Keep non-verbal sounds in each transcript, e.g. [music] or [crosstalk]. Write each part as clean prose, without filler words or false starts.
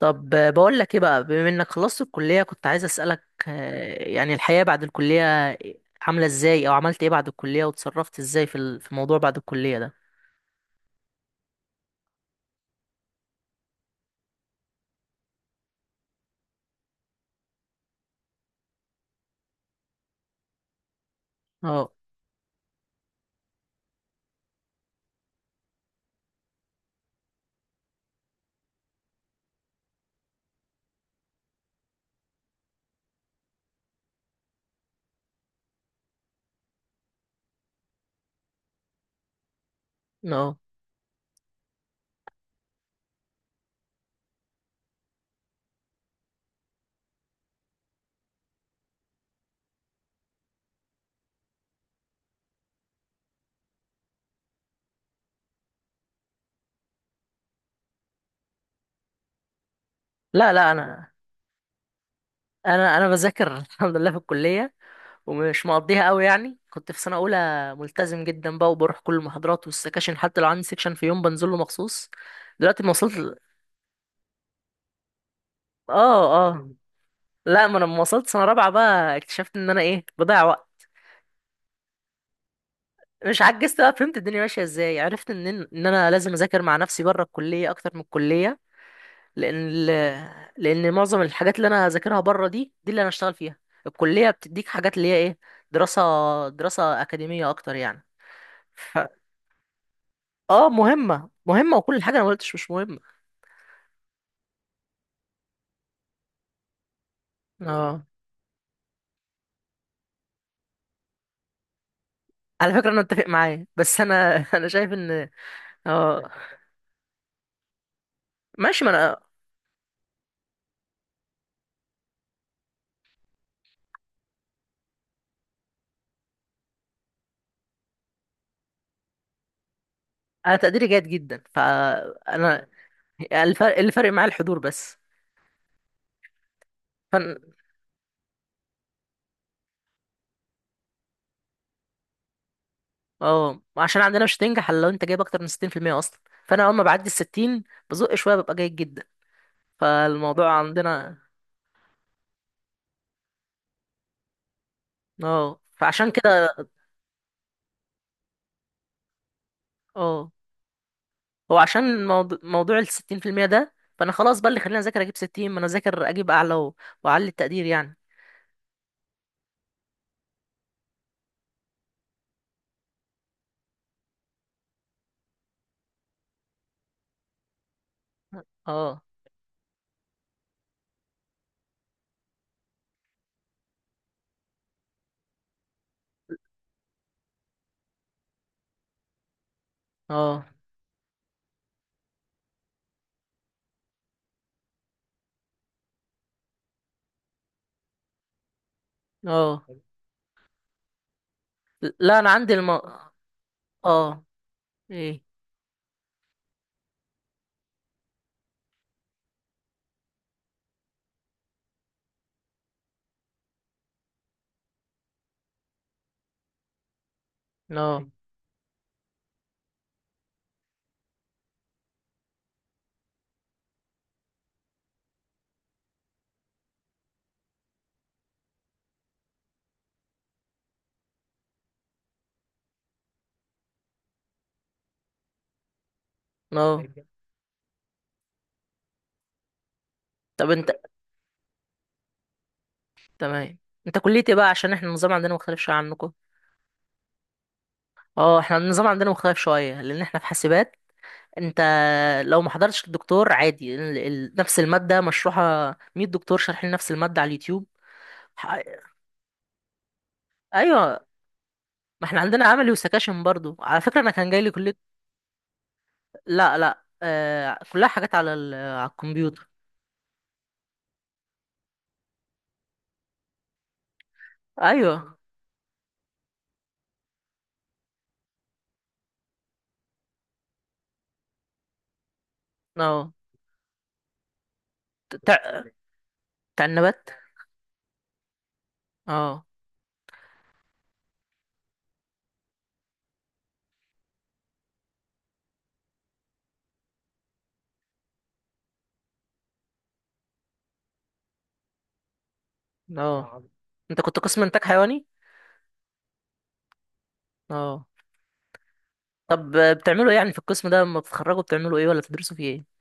طب بقول لك ايه بقى بما انك خلصت الكلية، كنت عايز اسألك يعني الحياة بعد الكلية عاملة ازاي او عملت ايه بعد الكلية وتصرفت ازاي في موضوع بعد الكلية ده. اه. اه. لا انا بذاكر [laughs] الحمد لله في الكلية، ومش مقضيها قوي. يعني كنت في سنة اولى ملتزم جدا بقى، وبروح كل المحاضرات والسكاشن، حتى لو عندي سكشن في يوم بنزله مخصوص. دلوقتي ما وصلت. اه اه. لا، ما انا لما وصلت سنة رابعة بقى اكتشفت ان انا ايه، بضيع وقت. مش عجزت بقى، فهمت الدنيا ماشيه ازاي. عرفت ان انا لازم اذاكر مع نفسي بره الكليه اكتر من الكليه. لان ال... لان معظم الحاجات اللي انا هذاكرها بره دي اللي انا هشتغل فيها. الكليه بتديك حاجات اللي هي ايه، دراسه. دراسه اكاديميه اكتر يعني. ف... اه، مهمه مهمه، وكل حاجه انا ما قلتش مش مهمه. اه، على فكره انا متفق معاه، بس انا [laughs] انا شايف ان. اه. ماشي، ما انا. انا تقديري جيد جدا، فانا الفرق اللي فارق معايا الحضور بس. اه، عشان عندنا مش هتنجح الا لو انت جايب اكتر من 60% اصلا. فانا اول ما بعدي ال 60 بزق شويه ببقى جيد جدا. فالموضوع عندنا. اه، فعشان كده. اه، هو عشان موضوع ال 60% ده، فانا خلاص بقى اللي خلينا اذاكر اجيب 60. ما انا اذاكر اجيب اعلى واعلي التقدير يعني. اه اه اه. لا انا عندي الم. اه. ايه. لا لا. طب انت. تمام. انت كليتي إيه بقى؟ عشان احنا النظام عندنا مختلف شويه عنكم. اه، احنا النظام عندنا مختلف شويه لان احنا في حاسبات. انت لو ما حضرتش الدكتور عادي، نفس المادة مشروحة 100 دكتور شارحين نفس المادة على اليوتيوب. ح-. ايوه، ما احنا عندنا عملي وسكاشن برضو على فكرة. انا كان جاي لي كلية. لا لا، آه، كلها حاجات على الكمبيوتر. ايوه. اه، بتاع. بتاع النبات. اه. اه. انت كنت قسم انتاج حيواني؟ اه. طب بتعملوا ايه يعني في القسم ده لما بتتخرجوا؟ بتعملوا ايه ولا بتدرسوا فيه ايه؟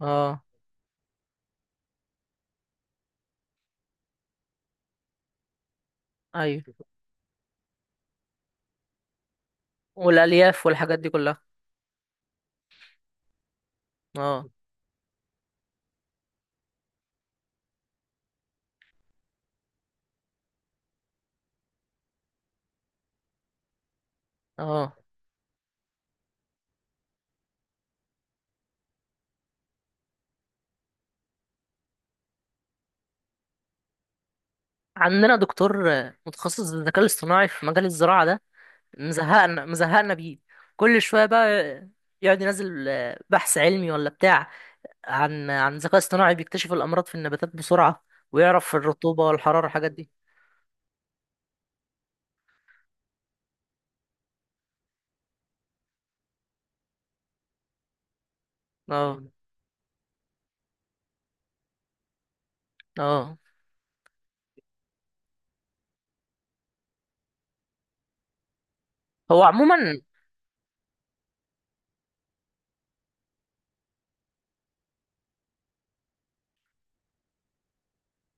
اه. ايوه، والالياف والحاجات دي كلها. اه. اه. عندنا دكتور متخصص بالذكاء الاصطناعي في مجال الزراعة ده. مزهقنا مزهقنا بيه كل شوية بقى. يقعد ينزل بحث علمي ولا بتاع عن ذكاء اصطناعي بيكتشف الأمراض في النباتات بسرعة، ويعرف الرطوبة والحرارة والحاجات دي. اه. اه. هو عموما.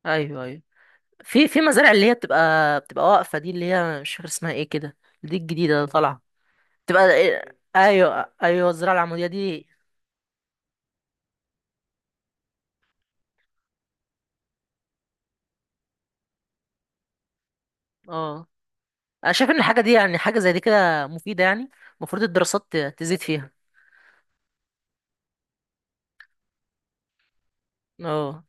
ايوه ايوه، في مزارع اللي هي بتبقى واقفة دي، اللي هي مش فاكر اسمها ايه كده، دي الجديدة اللي طالعة. بتبقى. ايوه ايوه، الزراعة العمودية دي. اه. انا شايف ان الحاجه دي يعني، حاجه زي دي كده مفيده يعني، المفروض الدراسات تزيد فيها. اه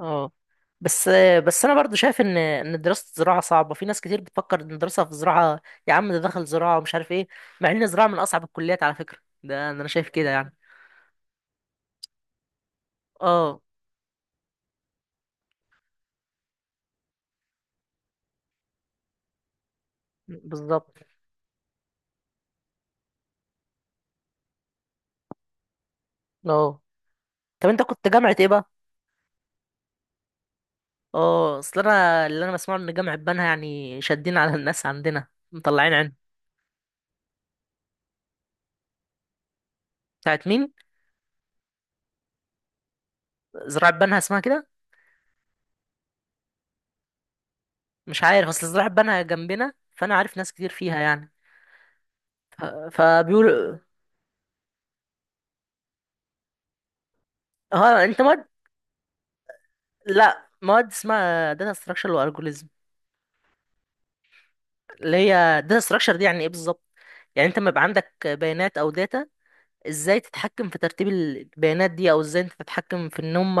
اه. بس. بس انا برضو شايف ان دراسه الزراعه صعبه. في ناس كتير بتفكر ان الدراسه في الزراعه، يا عم ده دخل زراعه ومش عارف ايه، مع ان الزراعه من اصعب الكليات على فكره. ده انا شايف كده يعني. اه. بالظبط. اه. طب انت كنت جامعه ايه بقى؟ اه، اصل انا اللي انا بسمعه ان جامعه بنها يعني شادين على الناس. عندنا مطلعين عين. بتاعت مين؟ زراعه بنها اسمها كده؟ مش عارف، اصل الزراعة اتبنى جنبنا فانا عارف ناس كتير فيها يعني. فبيقولوا. ها، انت مواد. لا، مواد اسمها داتا ستراكشر والجوريزم. اللي هي داتا ستراكشر دي يعني ايه بالظبط؟ يعني انت لما يبقى عندك بيانات او داتا، ازاي تتحكم في ترتيب البيانات دي، او ازاي انت تتحكم في ان هم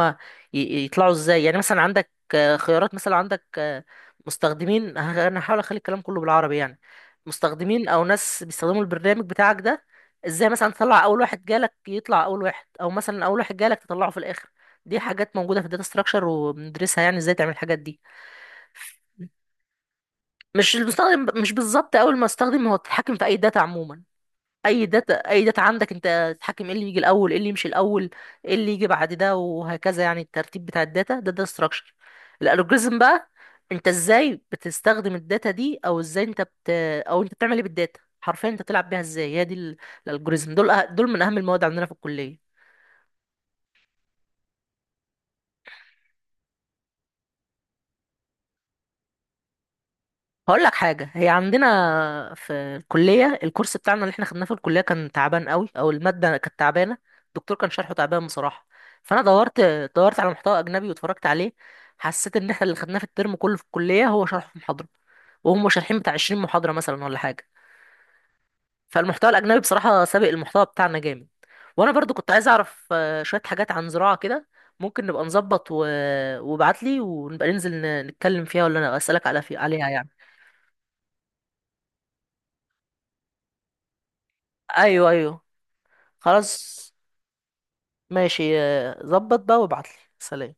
يطلعوا ازاي. يعني مثلا عندك خيارات، مثلا عندك مستخدمين. انا هحاول اخلي الكلام كله بالعربي يعني. مستخدمين او ناس بيستخدموا البرنامج بتاعك ده، ازاي مثلا تطلع اول واحد جالك يطلع اول واحد، او مثلا اول واحد جالك تطلعه في الاخر. دي حاجات موجوده في الداتا ستراكشر وبندرسها، يعني ازاي تعمل الحاجات دي. مش المستخدم، مش بالظبط اول ما استخدم هو، تتحكم في اي داتا عموما. اي داتا، اي داتا عندك انت تتحكم ايه اللي يجي الاول، ايه اللي يمشي الاول، ايه اللي يجي بعد ده، وهكذا. يعني الترتيب بتاع الداتا ده، ده ستراكشر. الالجوريزم بقى، انت ازاي بتستخدم الداتا دي، او ازاي انت بت، او انت بتعمل ايه بالداتا. حرفيا انت بتلعب بيها ازاي، هي دي الالجوريزم. دول من اهم المواد عندنا في الكليه. هقول لك حاجة، هي عندنا في الكلية، الكورس بتاعنا اللي احنا خدناه في الكلية كان تعبان قوي، او المادة كانت تعبانة، الدكتور كان شرحه تعبان بصراحة. فانا دورت. دورت على محتوى اجنبي واتفرجت عليه، حسيت ان احنا اللي خدناه في الترم كله في الكلية هو شرحه في محاضرة، وهم شارحين بتاع 20 محاضرة مثلا ولا حاجة. فالمحتوى الاجنبي بصراحة سابق المحتوى بتاعنا جامد. وانا برضو كنت عايز اعرف شوية حاجات عن زراعة كده. ممكن نبقى نظبط وابعت لي، ونبقى ننزل نتكلم فيها، ولا انا اسالك عليها يعني. ايوه ايوه. خلاص. ماشي، ظبط بقى وابعتلي. سلام.